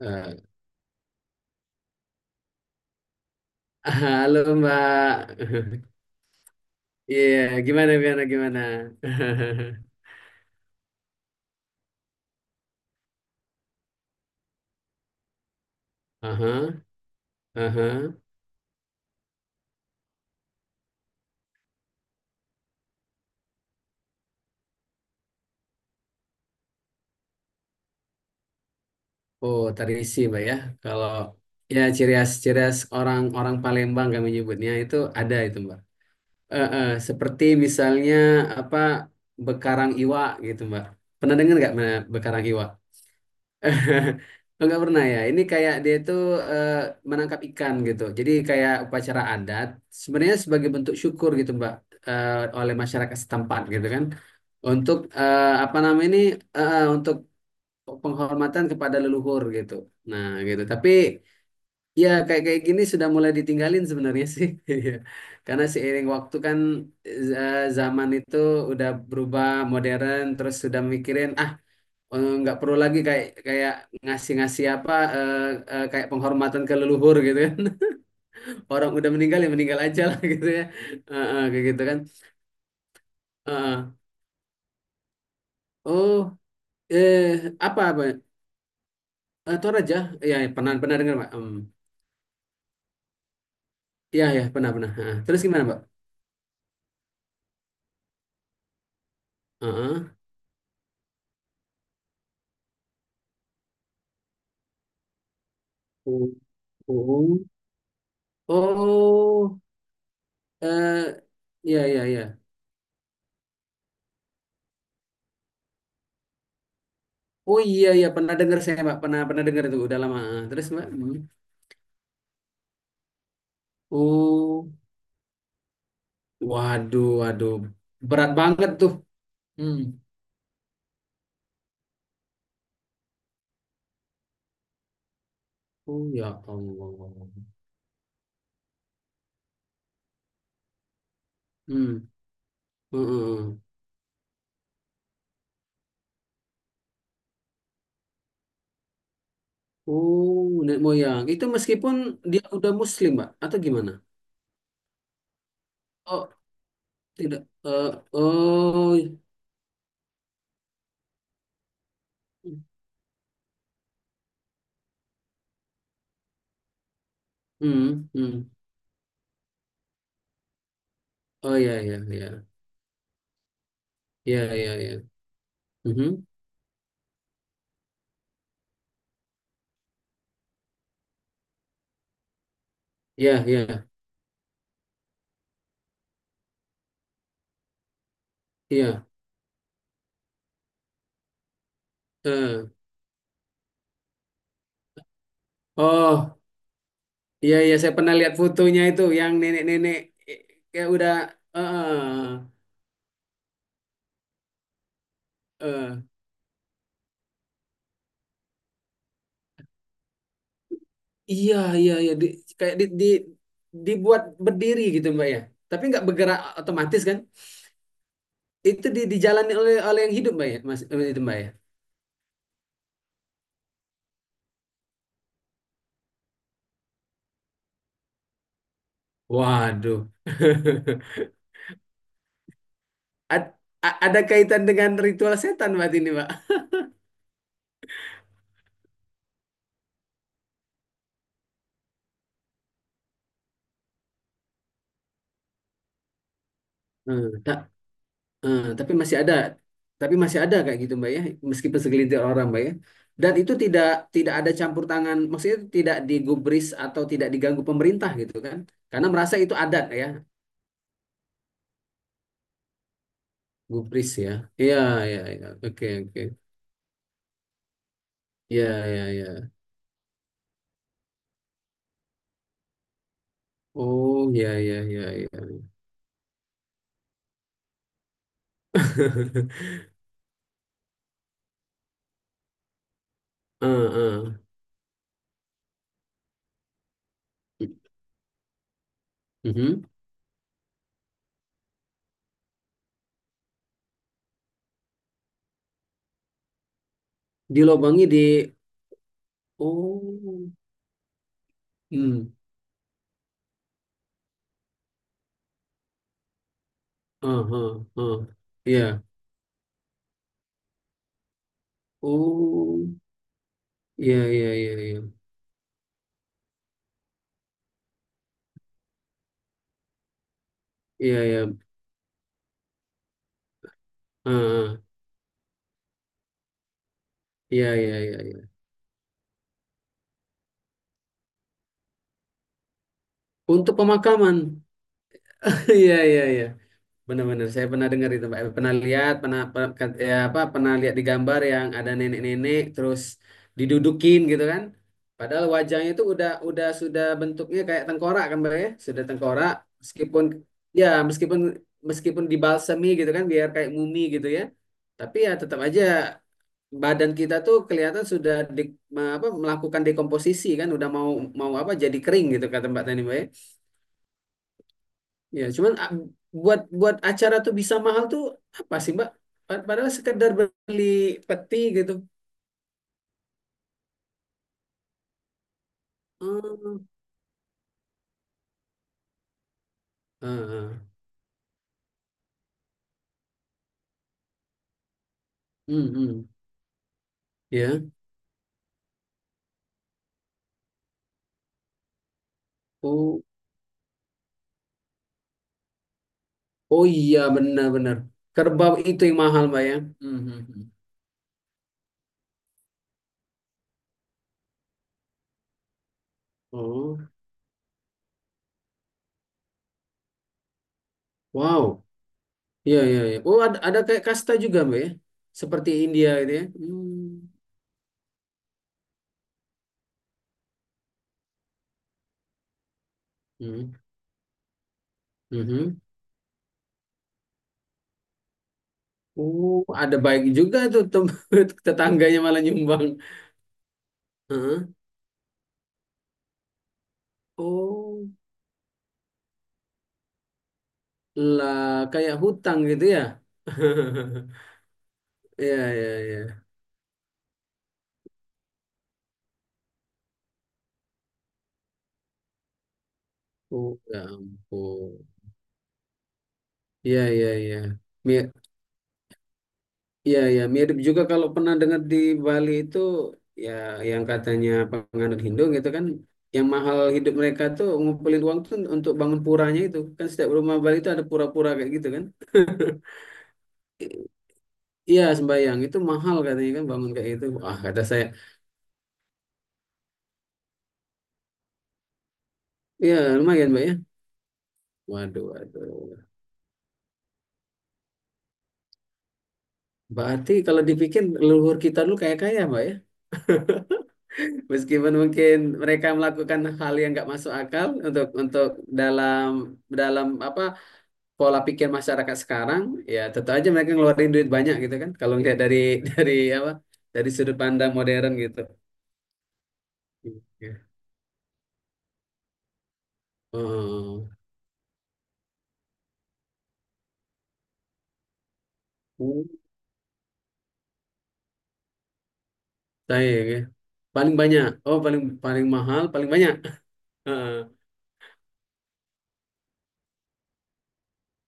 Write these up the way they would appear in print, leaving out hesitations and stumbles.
Eh, Halo Mbak. Iya, gimana gimana gimana? Aha, aha. Oh, tradisi Mbak ya. Kalau, ya ciri khas orang-orang Palembang kami nyebutnya itu ada itu Mbak. Seperti misalnya apa bekarang iwa gitu Mbak. Pernah dengar nggak Mbak, bekarang iwa? Enggak pernah ya. Ini kayak dia itu eh, menangkap ikan gitu. Jadi kayak upacara adat. Sebenarnya sebagai bentuk syukur gitu Mbak, eh, oleh masyarakat setempat gitu kan. Untuk apa namanya ini, untuk penghormatan kepada leluhur gitu. Nah gitu. Tapi ya kayak kayak gini sudah mulai ditinggalin sebenarnya sih. Iya. Karena seiring waktu kan, zaman itu udah berubah modern. Terus sudah mikirin, "Ah, nggak perlu lagi kayak kayak ngasih-ngasih apa, kayak penghormatan ke leluhur gitu kan, orang udah meninggal ya meninggal aja lah, gitu ya." Kayak gitu kan. Eh, eh. Oh, eh apa apa. Toraja. Ya ya, pernah pernah dengar pak. Ya ya pernah pernah. Ah, terus gimana pak? Heeh. Oh, oh. Oh, eh ya ya ya. Oh iya iya pernah dengar saya pak, pernah pernah dengar itu udah lama. Ah, terus mbak. Hmm. Oh, waduh waduh, berat banget tuh. Hmm. Oh ya Allah. Hmm. Mm-mm. Oh, nenek moyang. Itu meskipun dia udah muslim, Mbak, atau gimana? Oh, tidak. Eh, oh. Hmm, hmm. Oh ya ya ya. Ya ya ya. Mhm. Ya ya ya. Eh. Oh, iya iya saya pernah lihat fotonya itu yang nenek-nenek, eh, kayak udah eh eh, eh. Iya iya iya. Di- kayak di dibuat berdiri gitu, Mbak ya. Tapi nggak bergerak otomatis kan? Itu di, dijalani oleh oleh yang hidup mbak ya mas, itu mbak ya. Waduh. Ad- a- ada kaitan dengan ritual setan mbak, ini mbak. Eh, tak, eh, Tapi masih ada, tapi masih ada kayak gitu mbak ya, meskipun segelintir orang mbak ya, dan itu tidak, tidak ada campur tangan, maksudnya tidak digubris atau tidak diganggu pemerintah gitu kan, karena merasa itu adat ya, gubris ya. Iya iya iya, oke oke. Iya iya iya. Oh iya iya iya iya. Eh, eh. Mhm. Dilobangi di. Oh. Hmm. Ah ah. Ah. Ya. Oh ya ya ya. Ya ya ya. Ah ah. Ya ya ya ya. Untuk pemakaman. Ya ya ya. Benar-benar saya pernah dengar itu Mbak. Pernah lihat, pernah pernah- ya apa pernah lihat di gambar yang ada nenek-nenek terus didudukin gitu kan. Padahal wajahnya itu udah sudah bentuknya kayak tengkorak kan Mbak ya, sudah tengkorak meskipun, ya meskipun, meskipun dibalsemi gitu kan biar kayak mumi gitu ya. Tapi ya tetap aja badan kita tuh kelihatan sudah di-, apa melakukan dekomposisi kan udah mau, mau apa jadi kering gitu kata Mbak tadi Mbak ya. Ya, cuman a- buat buat acara tuh bisa mahal tuh apa sih, Mbak? Pa- Padahal sekedar beli peti gitu. Hmm. Ah, hmm, hmm. Ya. Oh, oh iya benar-benar. Kerbau itu yang mahal, Mbak ya. Hmm, hmm, hmm. Oh, wow. Iya, iya, iya. Oh, ada kayak kasta juga, Mbak ya. Seperti India gitu ya. Hmm. Hmm. Mhm. Oh, ada baik juga tuh tem- tetangganya malah nyumbang. Heeh. Oh. Lah, kayak hutang gitu ya? Iya, iya, iya. Oh, ya ampun. Iya, iya, iya. Mir iya, iya. Mirip juga kalau pernah dengar di Bali itu, ya yang katanya penganut Hindu gitu kan, yang mahal hidup mereka tuh ngumpulin uang tuh untuk bangun puranya itu. Kan setiap rumah Bali itu ada pura-pura kayak gitu kan. Iya, sembayang. Itu mahal katanya kan bangun kayak gitu. Ah, kata saya. Iya, lumayan, Mbak ya. Waduh, waduh. Berarti kalau dipikir leluhur kita dulu kaya-kaya, Mbak ya. Meskipun mungkin mereka melakukan hal yang nggak masuk akal untuk dalam, dalam apa pola pikir masyarakat sekarang, ya tentu aja mereka ngeluarin duit banyak gitu kan. Kalau ngelihat dari dari apa dari sudut pandang modern gitu. Iya. Oh, oh, saya ya. Ya. Paling banyak. Oh, paling paling mahal, paling banyak. Heeh.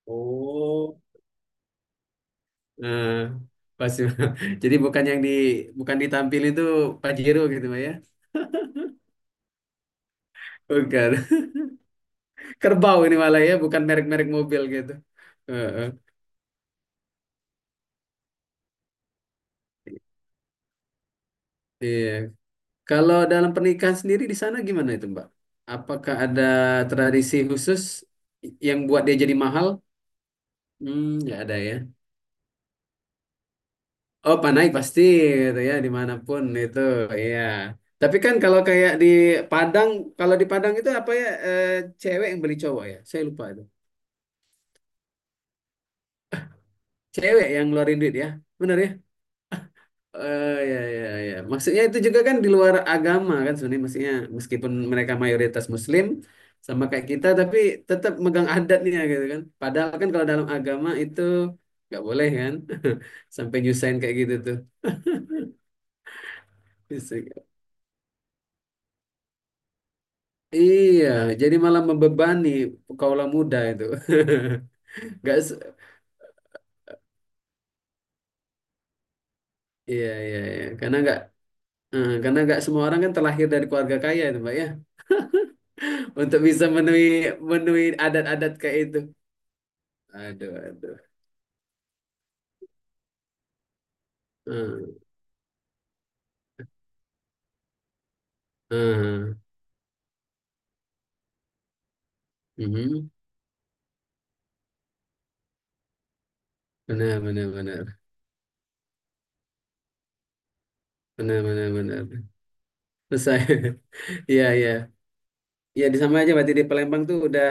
Oh, eh, pasti. Jadi bukan yang di, bukan ditampil itu Pajero gitu Pak, ya. Bukan. Kerbau ini malah ya, bukan merek-merek mobil gitu. Heeh. Iya. Kalau dalam pernikahan sendiri di sana gimana itu, Mbak? Apakah ada tradisi khusus yang buat dia jadi mahal? Hmm, nggak ada ya. Oh, panai pasti gitu ya, dimanapun itu. Iya. Tapi kan kalau kayak di Padang, kalau di Padang itu apa ya, cewek yang beli cowok ya? Saya lupa itu. Cewek yang ngeluarin duit ya, bener ya? Ya ya ya. Maksudnya itu juga kan di luar agama kan sebenarnya maksudnya meskipun mereka mayoritas Muslim sama kayak kita tapi tetap megang adatnya gitu kan. Padahal kan kalau dalam agama itu nggak boleh kan, sampai nyusahin kayak gitu tuh. Iya, jadi malah membebani kaula muda itu. Nggak, se- iya iya iya. Karena nggak, karena nggak semua orang kan terlahir dari keluarga kaya itu mbak ya, untuk bisa menuhi, menuhi adat-adat kayak itu. Aduh aduh. Eee, heeh, mhm, benar benar benar. Benar benar benar. Terus saya iya iya. Ya di sama aja berarti di Palembang tuh udah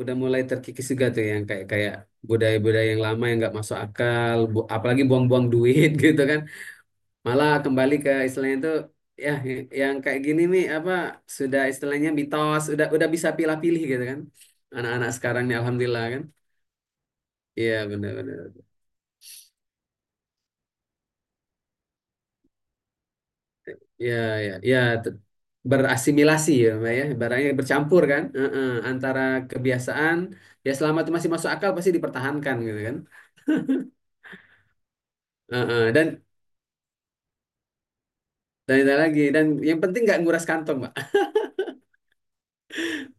udah mulai terkikis juga tuh yang kayak kayak budaya-budaya yang lama yang nggak masuk akal, bu- apalagi buang-buang duit gitu kan. Malah kembali ke istilahnya tuh, ya y- yang kayak gini nih apa sudah istilahnya mitos, udah bisa pilih-pilih gitu kan. Anak-anak sekarang nih alhamdulillah kan. Iya benar benar. Ya, ya, ya, te- berasimilasi ya, Mbak ya, barangnya bercampur kan. Heeh, antara kebiasaan, ya selama itu masih masuk akal pasti dipertahankan gitu kan. Heeh, dan ada lagi dan yang penting nggak nguras kantong Mbak.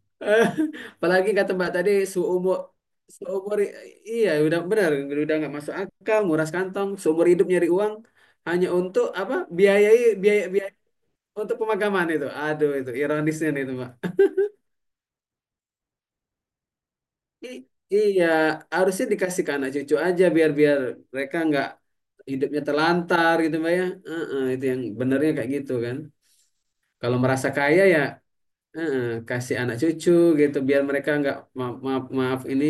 Apalagi kata Mbak tadi seumur, seumur, iya udah benar, udah nggak masuk akal nguras kantong seumur hidup nyari uang hanya untuk apa biayai biaya biaya, untuk pemakaman itu, aduh itu ironisnya nih itu. I- Iya, harusnya dikasih ke anak cucu aja biar biar mereka nggak hidupnya terlantar gitu Mbak ya. Heeh, itu yang benernya kayak gitu kan. Kalau merasa kaya ya, heeh, kasih anak cucu gitu biar mereka nggak, maaf, maaf maaf ini,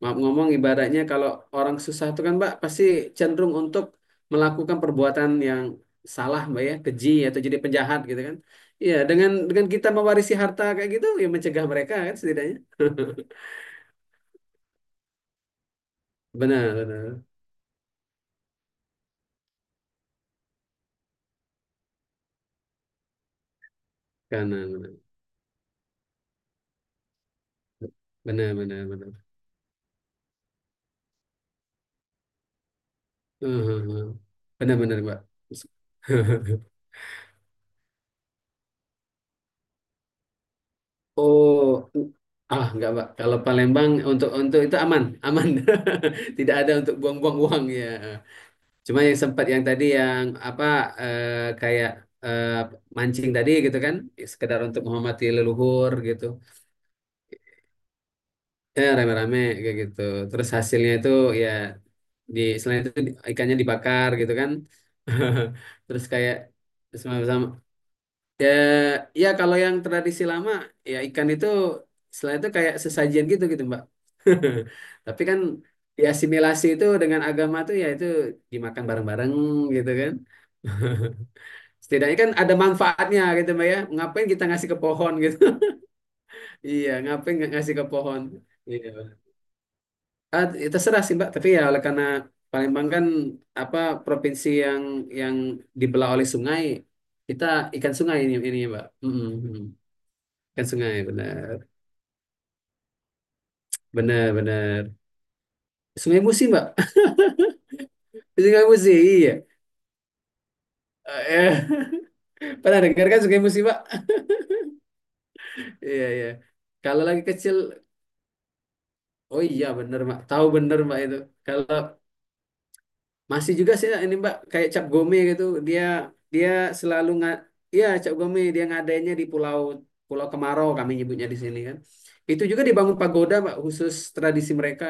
maaf ngomong ibaratnya kalau orang susah tuh kan Mbak pasti cenderung untuk melakukan perbuatan yang salah Mbak ya, keji atau jadi penjahat gitu kan. Iya, dengan kita mewarisi harta kayak gitu ya mencegah mereka kan setidaknya. Benar, benar. Kanan. Benar, benar, benar. Eh, eh, eh. Benar, benar, Mbak. Oh, ah, nggak, Mbak. Kalau Palembang untuk itu aman, aman. Tidak ada untuk buang-buang uang ya. Cuma yang sempat yang tadi yang apa, kayak, eh, mancing tadi gitu kan, sekedar untuk menghormati leluhur gitu. Eh, rame-rame kayak gitu. Terus hasilnya itu ya di selain itu di- ikannya dibakar gitu kan. Terus kayak bersama-sama. Ya, ya kalau yang tradisi lama ya ikan itu setelah itu kayak sesajian gitu gitu Mbak. Tapi kan diasimilasi itu dengan agama tuh ya itu dimakan bareng-bareng gitu kan. Setidaknya kan ada manfaatnya gitu Mbak ya. Ngapain kita ngasih ke pohon gitu. Iya, ngapain nggak ngasih ke pohon. Iya. Ah, ya terserah sih Mbak, tapi ya oleh karena Palembang kan apa provinsi yang dibelah oleh sungai, kita ikan sungai ini Mbak. Mm, mm, mm. Ikan sungai. Benar-benar. Sungai Musi, Mbak. Sungai Musi, iya. Eh, pernah dengar kan Sungai Musi, Mbak? Iya, iya. Kalau lagi kecil, oh iya benar, Mbak. Tahu benar, Mbak itu. Kalau masih juga sih ini, Mbak, kayak cap gome gitu. Dia dia selalu nggak, iya, cap gome dia ngadainnya di pulau Pulau Kemarau kami nyebutnya di sini kan. Itu juga dibangun pagoda, Mbak, khusus tradisi mereka.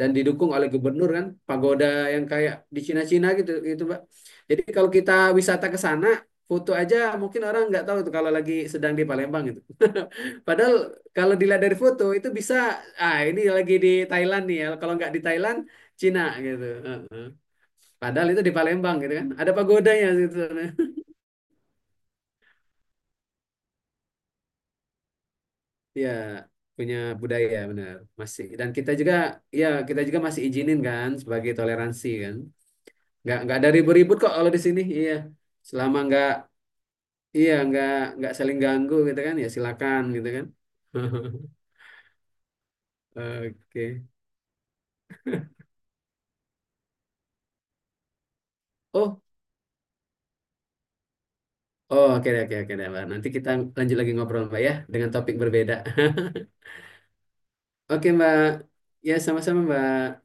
Dan didukung oleh gubernur kan pagoda yang kayak di Cina-Cina gitu gitu Mbak. Jadi kalau kita wisata ke sana foto aja mungkin orang nggak tahu tuh kalau lagi sedang di Palembang gitu. Padahal kalau dilihat dari foto itu bisa, ah ini lagi di Thailand nih ya kalau nggak di Thailand, Cina gitu. Heeh. Padahal itu di Palembang gitu kan. Ada pagodanya gitu. Ya punya budaya benar, masih, dan kita juga ya kita juga masih izinin kan sebagai toleransi kan, nggak ada ribut-ribut kok kalau di sini iya, selama nggak, iya, nggak saling ganggu gitu kan ya silakan gitu kan. Oke. Oh, oh oke deh, oke oke deh, Mbak. Nanti kita lanjut lagi ngobrol Mbak ya dengan topik berbeda. Oke Mbak. Ya sama-sama Mbak.